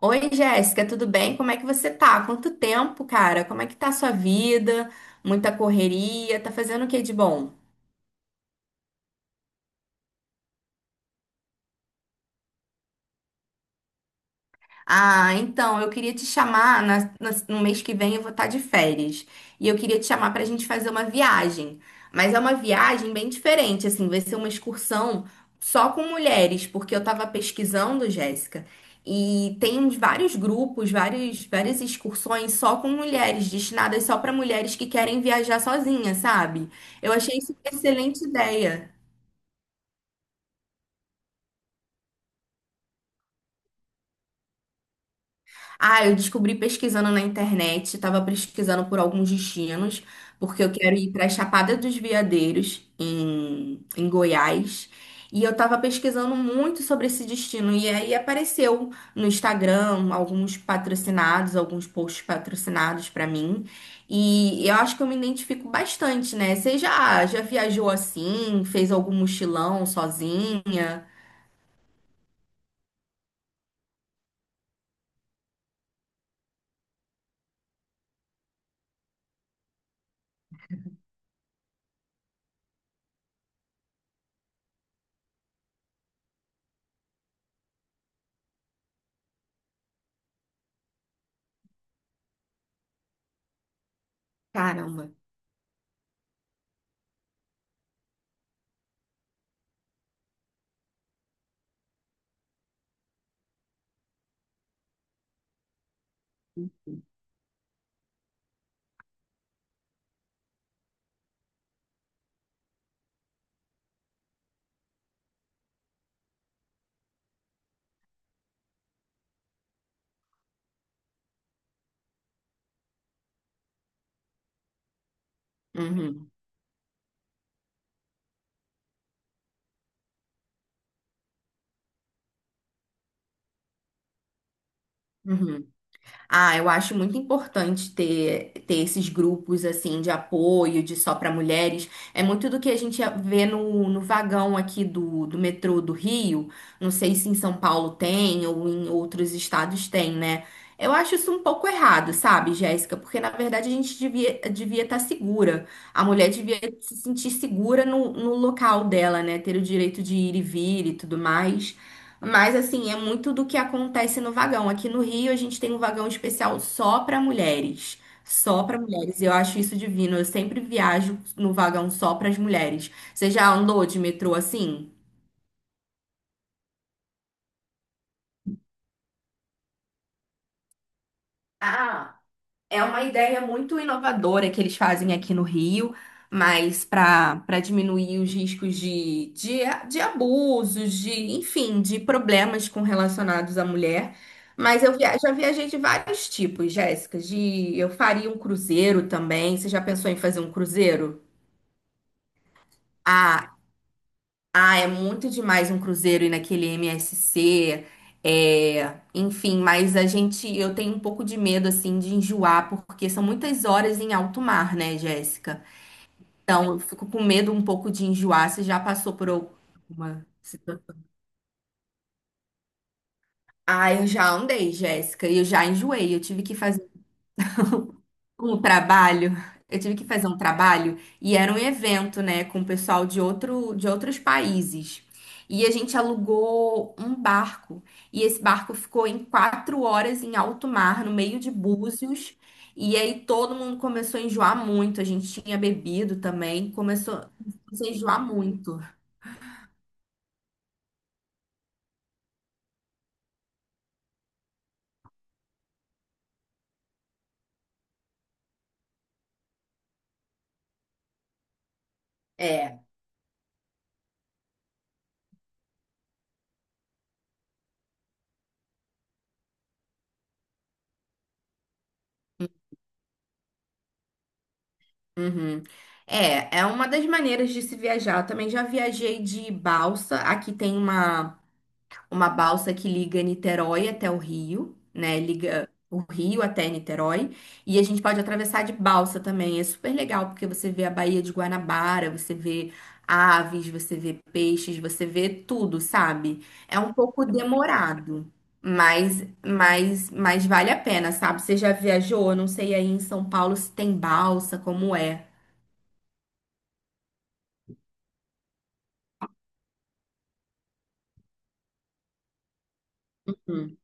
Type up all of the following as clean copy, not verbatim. Oi, Jéssica, tudo bem? Como é que você tá? Quanto tempo, cara? Como é que tá a sua vida? Muita correria? Tá fazendo o que de bom? Ah, então, eu queria te chamar, no mês que vem eu vou estar de férias. E eu queria te chamar para a gente fazer uma viagem. Mas é uma viagem bem diferente, assim, vai ser uma excursão só com mulheres, porque eu estava pesquisando, Jéssica, e tem uns vários grupos, vários, várias excursões só com mulheres, destinadas só para mulheres que querem viajar sozinha, sabe? Eu achei isso uma excelente ideia. Ah, eu descobri pesquisando na internet, estava pesquisando por alguns destinos, porque eu quero ir para a Chapada dos Veadeiros, em Goiás. E eu estava pesquisando muito sobre esse destino. E aí apareceu no Instagram alguns patrocinados, alguns posts patrocinados para mim. E eu acho que eu me identifico bastante, né? Você já, já viajou assim? Fez algum mochilão sozinha? Caramba. Uhum, uhum. Ah, eu acho muito importante ter, ter esses grupos assim de apoio, de só para mulheres. É muito do que a gente vê no vagão aqui do metrô do Rio. Não sei se em São Paulo tem ou em outros estados tem, né? Eu acho isso um pouco errado, sabe, Jéssica? Porque na verdade a gente devia estar segura. A mulher devia se sentir segura no local dela, né? Ter o direito de ir e vir e tudo mais. Mas assim, é muito do que acontece no vagão. Aqui no Rio, a gente tem um vagão especial só para mulheres. Só para mulheres. Eu acho isso divino. Eu sempre viajo no vagão só para as mulheres. Você já andou de metrô assim? Ah. É uma ideia muito inovadora que eles fazem aqui no Rio, mas para diminuir os riscos de abusos, de, enfim, de problemas com relacionados à mulher. Mas eu já viajei de vários tipos, Jéssica. De, eu faria um cruzeiro também. Você já pensou em fazer um cruzeiro? Ah, ah, é muito demais um cruzeiro ir naquele MSC, é, enfim, mas a gente, eu tenho um pouco de medo assim de enjoar, porque são muitas horas em alto mar, né, Jéssica? Então, eu fico com medo um pouco de enjoar. Você já passou por alguma situação? Ah, eu já andei, Jéssica, e eu já enjoei. Eu tive que fazer com o trabalho, eu tive que fazer um trabalho e era um evento, né, com o pessoal de outros países. E a gente alugou um barco e esse barco ficou em quatro horas em alto mar, no meio de Búzios. E aí todo mundo começou a enjoar muito. A gente tinha bebido também, começou a enjoar muito. É. Uhum. É, é uma das maneiras de se viajar. Eu também já viajei de balsa. Aqui tem uma balsa que liga Niterói até o Rio, né? Liga o Rio até Niterói. E a gente pode atravessar de balsa também. É super legal, porque você vê a Baía de Guanabara, você vê aves, você vê peixes, você vê tudo, sabe? É um pouco demorado. Mas vale a pena, sabe? Você já viajou? Eu não sei aí em São Paulo se tem balsa, como é. Hum.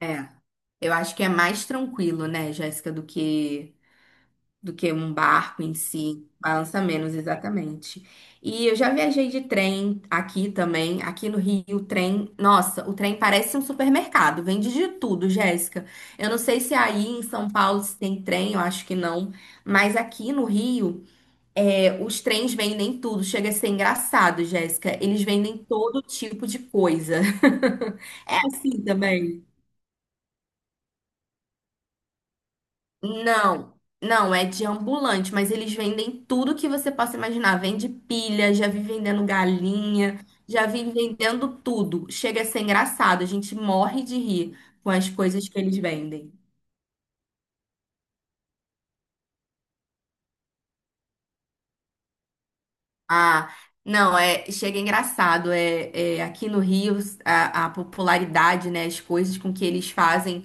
É. Eu acho que é mais tranquilo, né, Jéssica, do que um barco em si. Balança menos, exatamente. E eu já viajei de trem aqui também. Aqui no Rio, o trem. Nossa, o trem parece um supermercado. Vende de tudo, Jéssica. Eu não sei se aí em São Paulo se tem trem, eu acho que não. Mas aqui no Rio, é, os trens vendem tudo. Chega a ser engraçado, Jéssica. Eles vendem todo tipo de coisa. É assim também. Não, é de ambulante, mas eles vendem tudo que você possa imaginar. Vende pilha, já vi vendendo galinha, já vi vendendo tudo. Chega a ser engraçado, a gente morre de rir com as coisas que eles vendem. Ah, não, é, chega engraçado. É, é, aqui no Rio, a popularidade, né, as coisas com que eles fazem.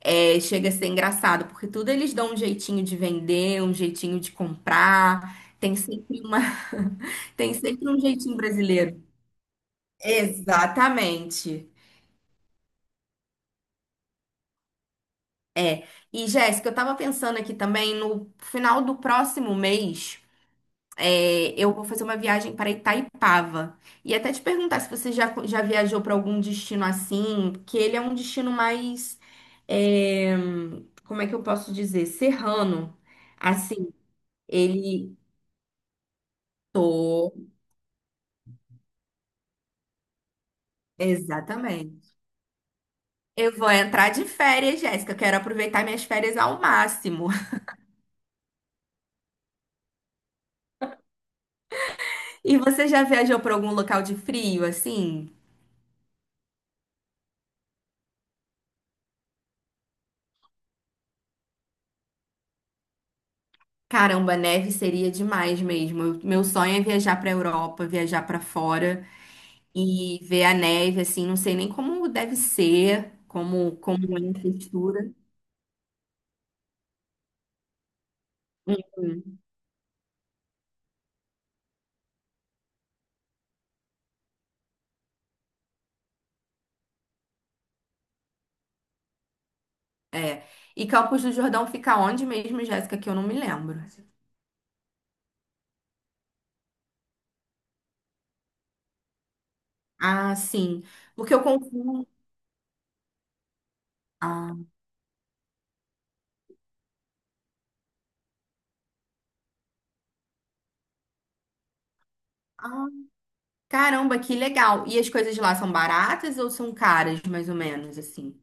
É, chega a ser engraçado, porque tudo eles dão um jeitinho de vender, um jeitinho de comprar. Tem sempre uma... Tem sempre um jeitinho brasileiro. Exatamente. E, Jéssica, eu tava pensando aqui também, no final do próximo mês, é, eu vou fazer uma viagem para Itaipava. E até te perguntar se você já, já viajou para algum destino assim, que ele é um destino mais... é, como é que eu posso dizer? Serrano. Assim, ele... Exatamente. Eu vou entrar de férias, Jéssica. Eu Quero aproveitar minhas férias ao máximo. E você já viajou para algum local de frio, assim? Caramba, neve seria demais mesmo. Eu- Meu sonho é viajar para Europa, viajar para fora e ver a neve, assim. Não sei nem como deve ser, como, como é a textura. Hum, É. E Campos do Jordão fica onde mesmo, Jéssica? Que eu não me lembro. Ah, sim. Porque eu confundo. Ah. Ah, caramba, que legal. E as coisas lá são baratas ou são caras, mais ou menos, assim?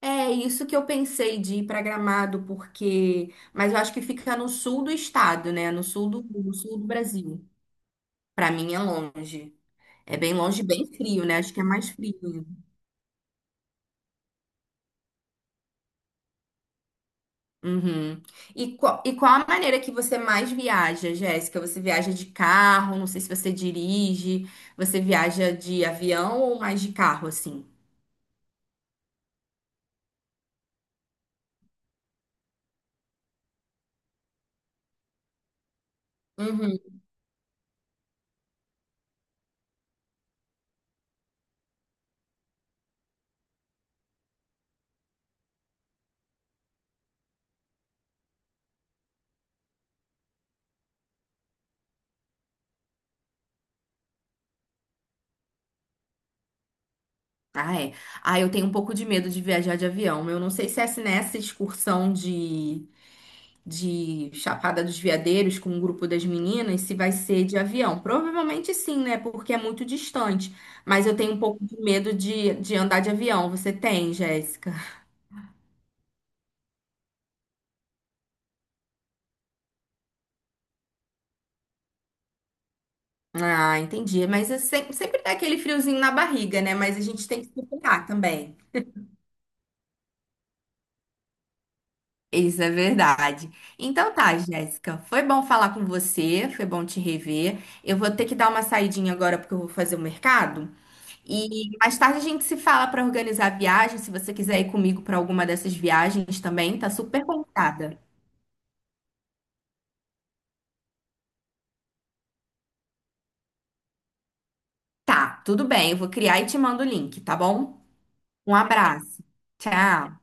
É isso que eu pensei de ir para Gramado, porque. Mas eu acho que fica no sul do estado, né? No sul no sul do Brasil. Para mim é longe. É bem longe, bem frio, né? Acho que é mais frio. Uhum. E qual a maneira que você mais viaja, Jéssica? Você viaja de carro? Não sei se você dirige. Você viaja de avião ou mais de carro, assim? Ah, é. Ah, eu tenho um pouco de medo de viajar de avião. Eu não sei se essa nessa excursão de Chapada dos Veadeiros com um grupo das meninas, se vai ser de avião. Provavelmente sim, né? Porque é muito distante. Mas eu tenho um pouco de medo de andar de avião. Você tem, Jéssica? Ah, entendi. Mas é sempre dá aquele friozinho na barriga, né? Mas a gente tem que superar também. Isso é verdade. Então tá, Jéssica, foi bom falar com você, foi bom te rever. Eu vou ter que dar uma saidinha agora porque eu vou fazer o mercado. E mais tarde a gente se fala para organizar a viagem, se você quiser ir comigo para alguma dessas viagens também, tá super convidada. Tá, tudo bem, eu vou criar e te mando o link, tá bom? Um abraço. Tchau.